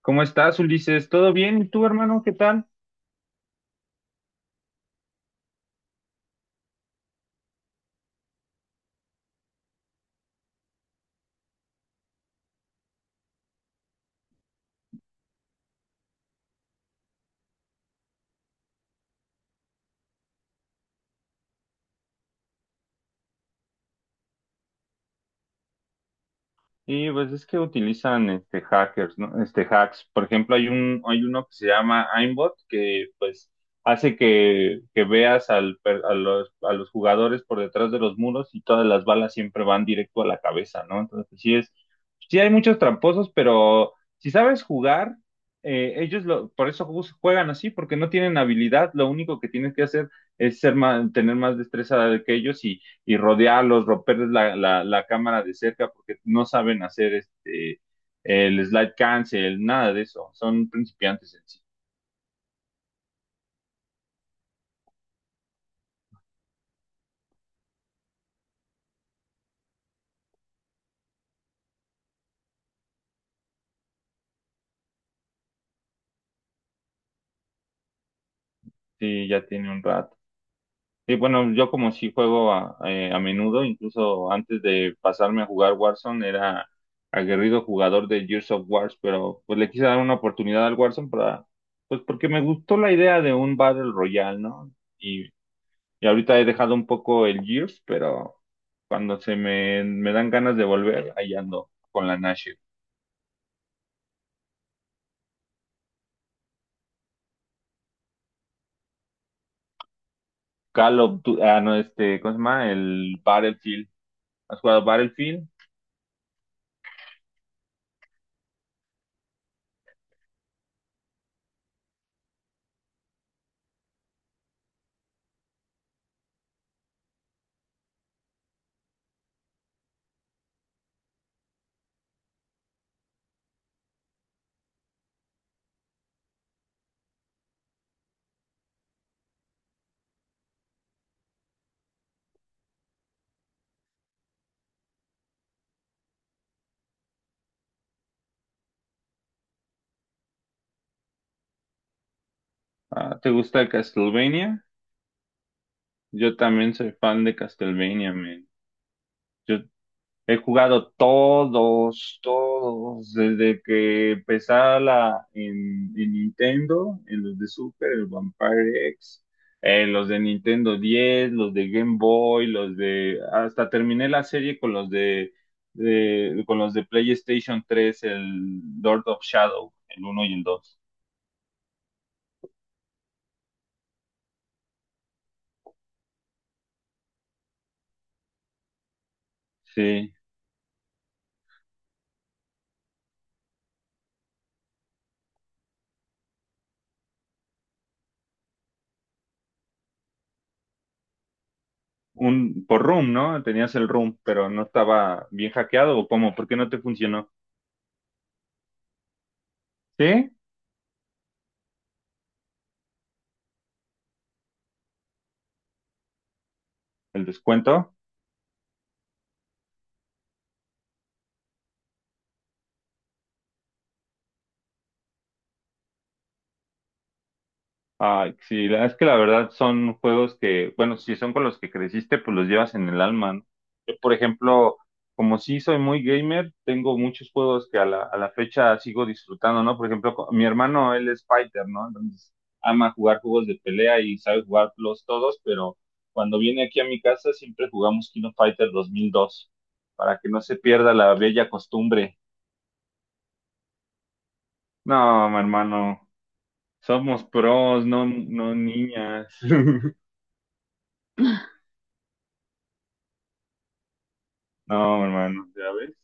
¿Cómo estás, Ulises? ¿Todo bien? ¿Y tú, hermano? ¿Qué tal? Y pues es que utilizan este hackers, ¿no? Este hacks. Por ejemplo, hay uno que se llama aimbot que pues hace que veas a a los jugadores por detrás de los muros y todas las balas siempre van directo a la cabeza, ¿no? Sí hay muchos tramposos, pero si sabes jugar, ellos lo, por eso juegan así, porque no tienen habilidad. Lo único que tienes que hacer es ser más, tener más destreza que ellos y rodearlos, romperles la cámara de cerca porque no saben hacer este el slide cancel, nada de eso. Son principiantes en sí. Sí, ya tiene un rato. Sí, bueno, yo como sí juego a menudo. Incluso antes de pasarme a jugar Warzone, era aguerrido jugador de Gears of Wars, pero pues le quise dar una oportunidad al Warzone, para, pues porque me gustó la idea de un Battle Royale, ¿no? Y Y ahorita he dejado un poco el Gears, pero cuando me dan ganas de volver, ahí ando con la Nashville. Call of Du- ah, no, este, ¿cómo se llama? El Battlefield. ¿Has jugado Battlefield? Ah, ¿te gusta el Castlevania? Yo también soy fan de Castlevania, man. Yo He jugado todos, todos, desde que empezaba en Nintendo, en los de Super, el Vampire X, los de Nintendo 10, los de Game Boy, los de, hasta terminé la serie con los con los de PlayStation 3, el Lord of Shadow, el uno y el 2. Sí, un, por Room, ¿no? Tenías el Room, pero no estaba bien hackeado o cómo, ¿por qué no te funcionó? ¿Sí? ¿El descuento? Ah, sí, la- es que la verdad son juegos que, bueno, si son con los que creciste, pues los llevas en el alma, ¿no? Yo, por ejemplo, como sí soy muy gamer, tengo muchos juegos que a a la fecha sigo disfrutando, ¿no? Por ejemplo, co- mi hermano, él es fighter, ¿no? Entonces, ama jugar juegos de pelea y sabe jugarlos todos, pero cuando viene aquí a mi casa siempre jugamos King of Fighter 2002, para que no se pierda la bella costumbre. No, mi hermano, somos pros, no, no niñas. No, hermano, ya ves,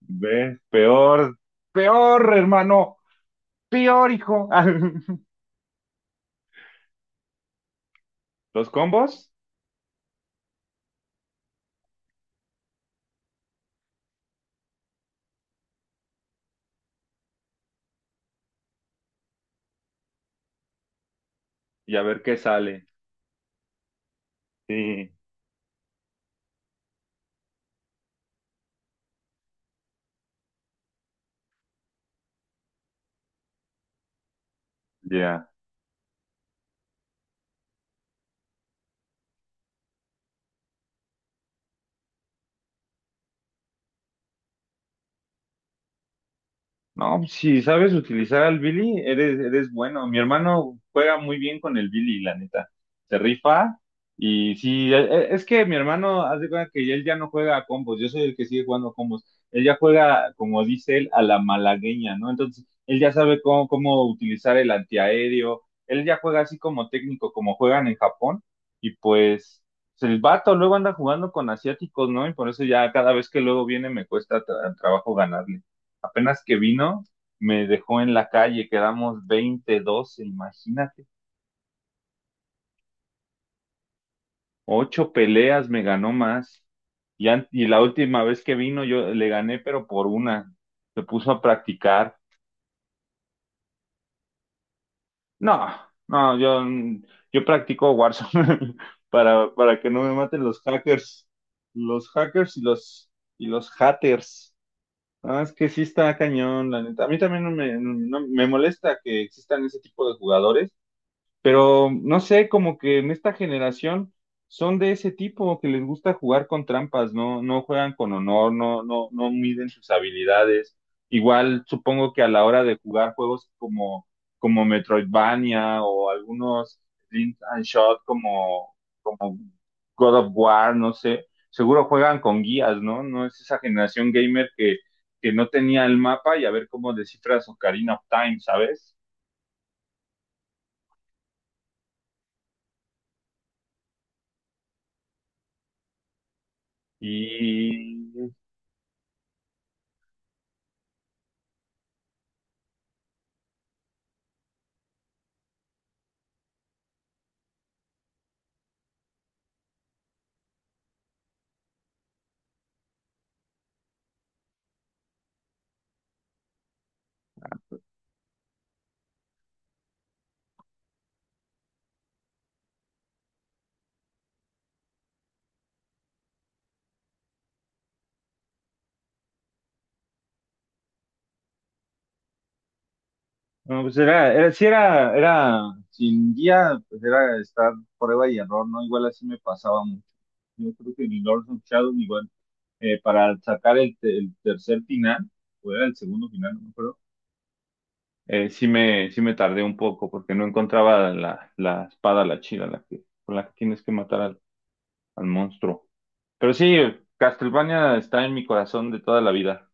ves, peor, peor, hermano, peor, hijo. Los combos y a ver qué sale. Sí, ya. No, si sabes utilizar al Billy, eres, eres bueno. Mi hermano juega muy bien con el Billy, la neta. Se rifa y sí, es que mi hermano haz de cuenta que él ya no juega a combos, yo soy el que sigue jugando a combos. Él ya juega, como dice él, a la malagueña, ¿no? Entonces, él ya sabe cómo, cómo utilizar el antiaéreo, él ya juega así como técnico, como juegan en Japón, y pues el vato luego anda jugando con asiáticos, ¿no? Y por eso ya cada vez que luego viene me cuesta trabajo ganarle. Apenas que vino, me dejó en la calle, quedamos veinte doce, imagínate. Ocho peleas me ganó más. Y la última vez que vino yo le gané, pero por una. Se puso a practicar. No, no, yo, yo practico Warzone para que no me maten los hackers. Los hackers y los, y los haters. Ah, es que sí está cañón, la neta. A mí también no, me molesta que existan ese tipo de jugadores. Pero no sé, como que en esta generación son de ese tipo que les gusta jugar con trampas, no, no juegan con honor, no, no, no miden sus habilidades. Igual supongo que a la hora de jugar juegos como Metroidvania o algunos Link and Shot como God of War, no sé, seguro juegan con guías, ¿no? No es esa generación gamer que no tenía el mapa y a ver cómo descifras Ocarina of Time, ¿sabes? Y no, pues era, sin guía, pues era estar prueba y error, ¿no? Igual así me pasaba mucho. Yo creo que en el Lords of Shadow, igual, para sacar el tercer final, o era el segundo final, no me acuerdo, sí me tardé un poco porque no encontraba la espada, la chila, la que, con la que tienes que matar al monstruo. Pero sí, Castlevania está en mi corazón de toda la vida.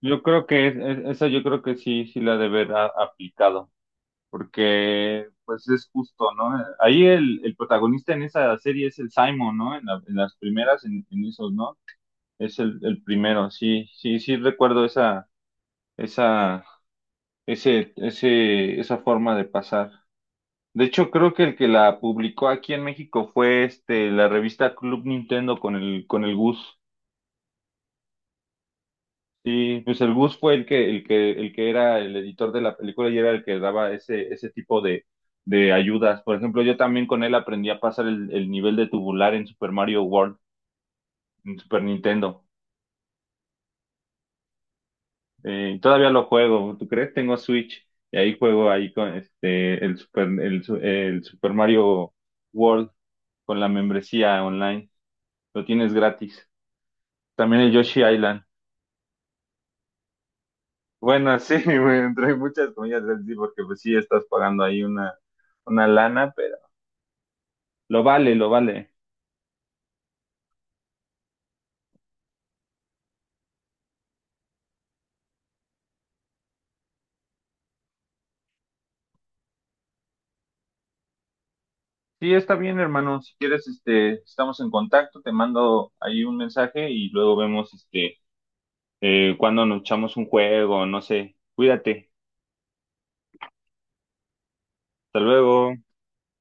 Yo creo que esa yo creo que sí, sí la ha de haber aplicado, porque pues es justo, ¿no? Ahí el protagonista en esa serie es el Simon, ¿no? En las primeras, en esos, ¿no? Es el primero, sí, sí, sí recuerdo esa, esa, esa forma de pasar. De hecho, creo que el que la publicó aquí en México fue este, la revista Club Nintendo con el Gus. Sí, pues el Gus fue el que era el editor de la película y era el que daba ese tipo de ayudas. Por ejemplo, yo también con él aprendí a pasar el nivel de tubular en Super Mario World, en Super Nintendo. Todavía lo juego, ¿tú crees? Tengo Switch y ahí juego ahí con este el Super Mario World con la membresía online. Lo tienes gratis. También el Yoshi Island. Bueno, sí, güey, entre muchas comillas, es sí, porque pues sí estás pagando ahí una lana, pero lo vale, lo vale. Sí, está bien, hermano. Si quieres, este, estamos en contacto, te mando ahí un mensaje y luego vemos, este, cuando nos echamos un juego, no sé. Cuídate. Hasta luego.